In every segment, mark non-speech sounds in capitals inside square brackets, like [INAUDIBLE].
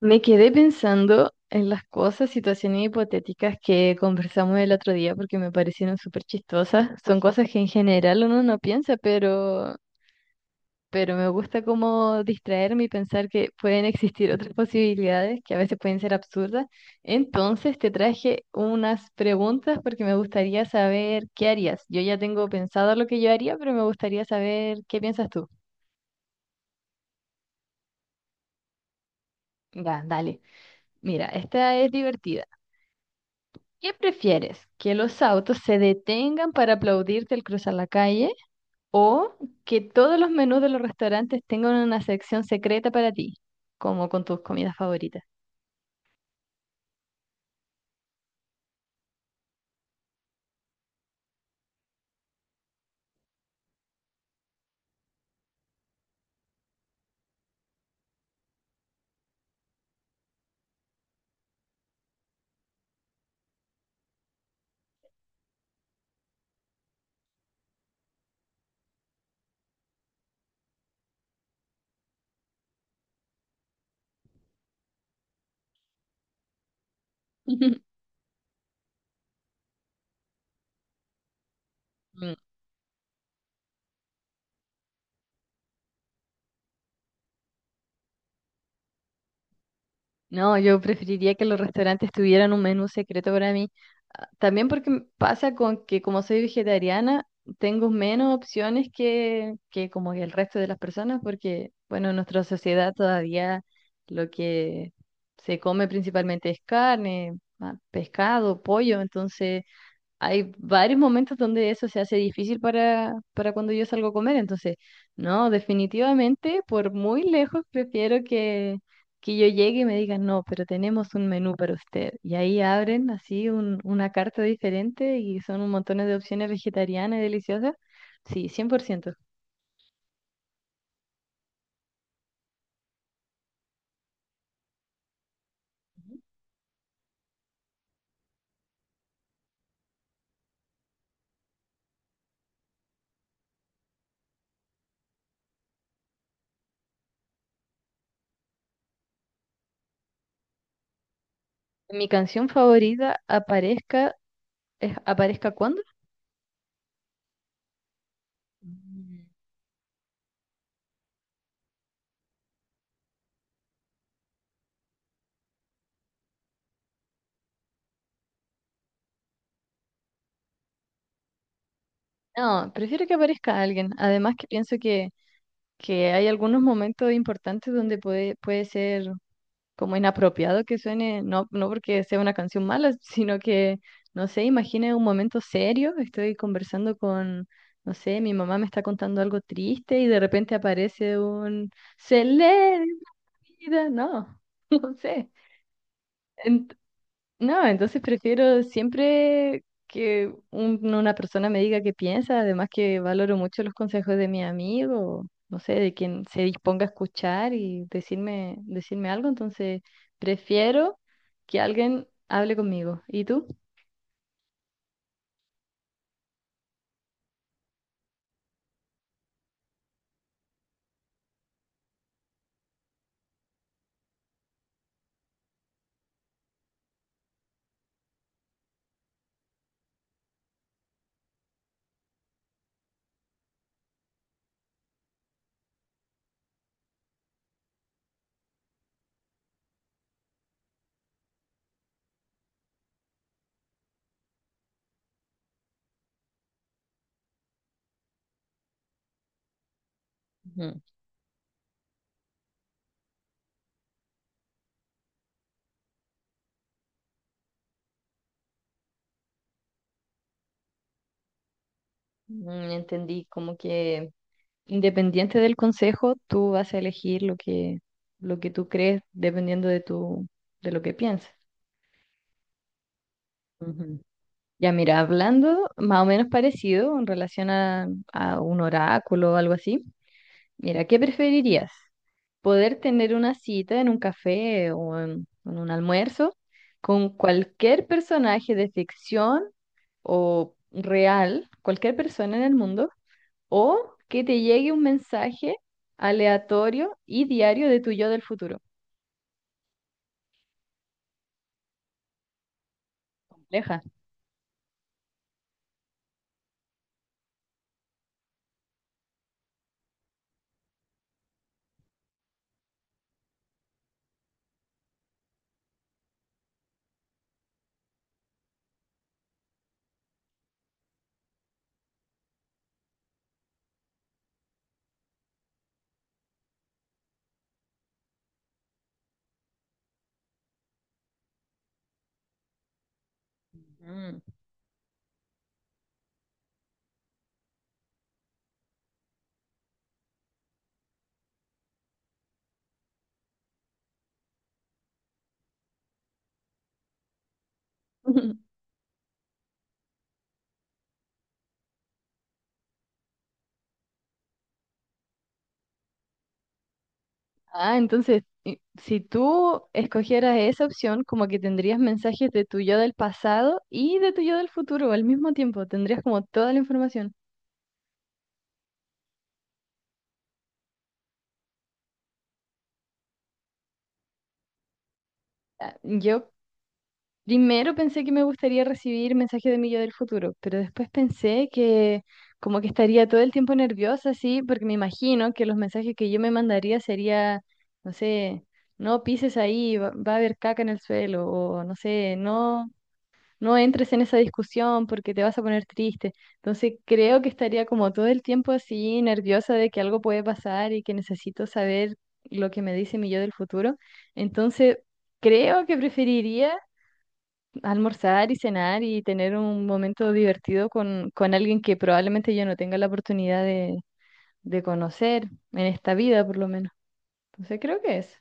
Me quedé pensando en las cosas, situaciones hipotéticas que conversamos el otro día porque me parecieron súper chistosas. Son cosas que en general uno no piensa, pero me gusta como distraerme y pensar que pueden existir otras [LAUGHS] posibilidades que a veces pueden ser absurdas. Entonces te traje unas preguntas porque me gustaría saber qué harías. Yo ya tengo pensado lo que yo haría, pero me gustaría saber qué piensas tú. Ya, dale. Mira, esta es divertida. ¿Qué prefieres? ¿Que los autos se detengan para aplaudirte al cruzar la calle o que todos los menús de los restaurantes tengan una sección secreta para ti, como con tus comidas favoritas? [LAUGHS] No, yo preferiría que los restaurantes tuvieran un menú secreto para mí. Ah, también porque pasa con que como soy vegetariana, tengo menos opciones que como que el resto de las personas, porque bueno, en nuestra sociedad todavía lo que se come principalmente es carne, ah, pescado, pollo, entonces hay varios momentos donde eso se hace difícil para cuando yo salgo a comer. Entonces, no, definitivamente, por muy lejos, prefiero que yo llegue y me digan, no, pero tenemos un menú para usted. Y ahí abren así una carta diferente y son un montón de opciones vegetarianas y deliciosas. Sí, 100%. Mi canción favorita aparezca, ¿aparezca cuándo? Mm. No, prefiero que aparezca alguien. Además que pienso que hay algunos momentos importantes donde puede ser como inapropiado que suene, no, no porque sea una canción mala, [LAUGHS] sino que, no sé, imagine un momento serio, estoy conversando con, no sé, mi mamá me está contando algo triste y de repente aparece un celebridad, no, [LAUGHS] no sé. No, entonces prefiero siempre que una persona me diga qué piensa, además que valoro mucho los consejos de mi amigo, no sé, de quien se disponga a escuchar y decirme, algo, entonces prefiero que alguien hable conmigo. ¿Y tú? Ujú. Mm, entendí, como que independiente del consejo, tú vas a elegir lo que tú crees dependiendo de de lo que pienses. Ya mira, hablando más o menos parecido en relación a un oráculo o algo así, mira, ¿qué preferirías? ¿Poder tener una cita en un café o en un almuerzo con cualquier personaje de ficción o real, cualquier persona en el mundo, o que te llegue un mensaje aleatorio y diario de tu yo del futuro? Leja. Mm. [LAUGHS] Ah, entonces, si tú escogieras esa opción, como que tendrías mensajes de tu yo del pasado y de tu yo del futuro al mismo tiempo, tendrías como toda la información. Ah, yo primero pensé que me gustaría recibir mensajes de mi yo del futuro, pero después pensé que como que estaría todo el tiempo nerviosa, así, porque me imagino que los mensajes que yo me mandaría sería, no sé, no pises ahí, va a haber caca en el suelo, o no sé, no entres en esa discusión porque te vas a poner triste. Entonces creo que estaría como todo el tiempo así nerviosa de que algo puede pasar y que necesito saber lo que me dice mi yo del futuro. Entonces creo que preferiría almorzar y cenar y tener un momento divertido con alguien que probablemente yo no tenga la oportunidad de conocer en esta vida por lo menos. Entonces creo que es.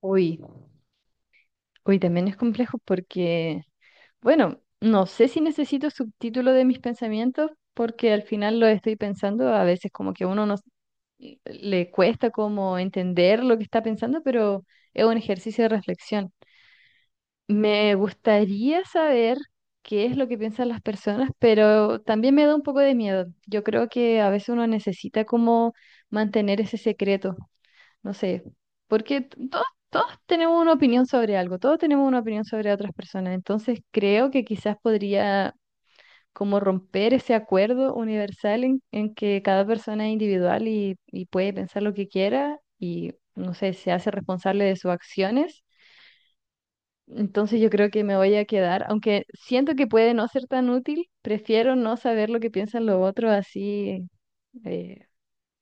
Uy, uy, también es complejo porque bueno, no sé si necesito subtítulo de mis pensamientos porque al final lo estoy pensando, a veces como que uno no s- le cuesta como entender lo que está pensando, pero es un ejercicio de reflexión. Me gustaría saber qué es lo que piensan las personas, pero también me da un poco de miedo. Yo creo que a veces uno necesita como mantener ese secreto, no sé, porque todos tenemos una opinión sobre algo, todos tenemos una opinión sobre otras personas, entonces creo que quizás podría como romper ese acuerdo universal en que cada persona es individual y puede pensar lo que quiera y, no sé, se hace responsable de sus acciones. Entonces yo creo que me voy a quedar, aunque siento que puede no ser tan útil, prefiero no saber lo que piensan los otros así eh,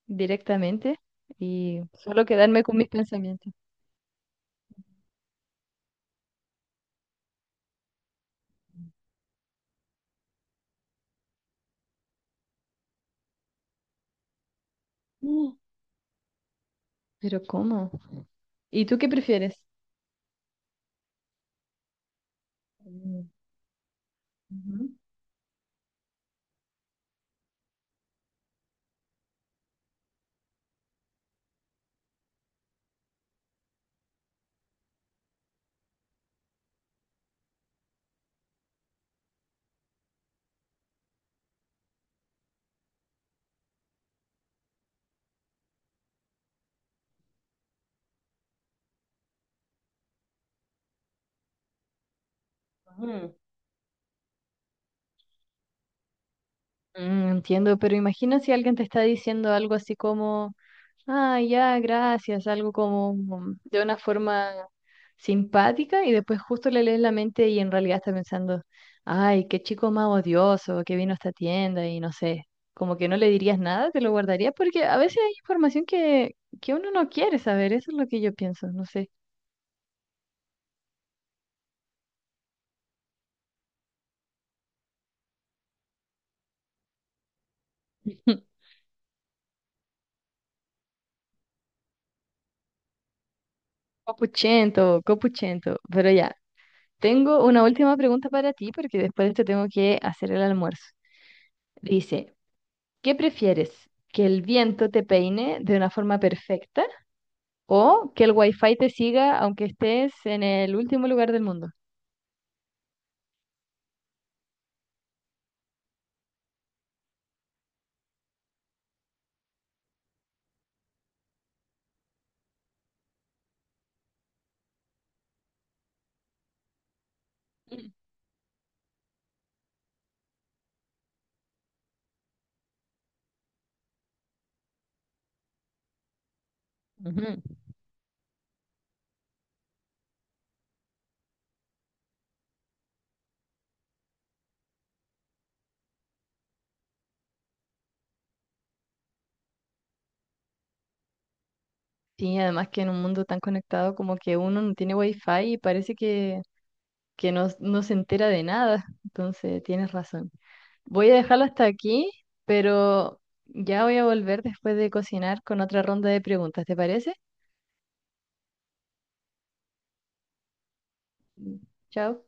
directamente y solo quedarme con mis pensamientos. [GASPS] Mm, pero ¿cómo? ¿Y tú qué prefieres? Mm, ujú. Ujú. Mm, entiendo, pero imagina si alguien te está diciendo algo así como, ah, ya, gracias, algo como mm, de una forma simpática y después justo le lees la mente y en realidad está pensando, ay, qué chico más odioso que vino a esta tienda y no sé, como que no le dirías nada, te lo guardarías porque a veces hay información que uno no quiere saber, eso es lo que yo pienso, no sé. [LAUGHS] Copuchento, copuchento, pero ya, tengo una última pregunta para ti porque después de esto tengo que hacer el almuerzo. Dice, ¿qué prefieres? ¿Que el viento te peine de una forma perfecta o que el wifi te siga aunque estés en el último lugar del mundo? Mm. Ujú. Sí, además que en un mundo tan conectado como que uno no tiene wifi y parece que no, no se entera de nada. Entonces, tienes razón. Voy a dejarlo hasta aquí, pero ya voy a volver después de cocinar con otra ronda de preguntas, ¿te parece? Mm. Chao.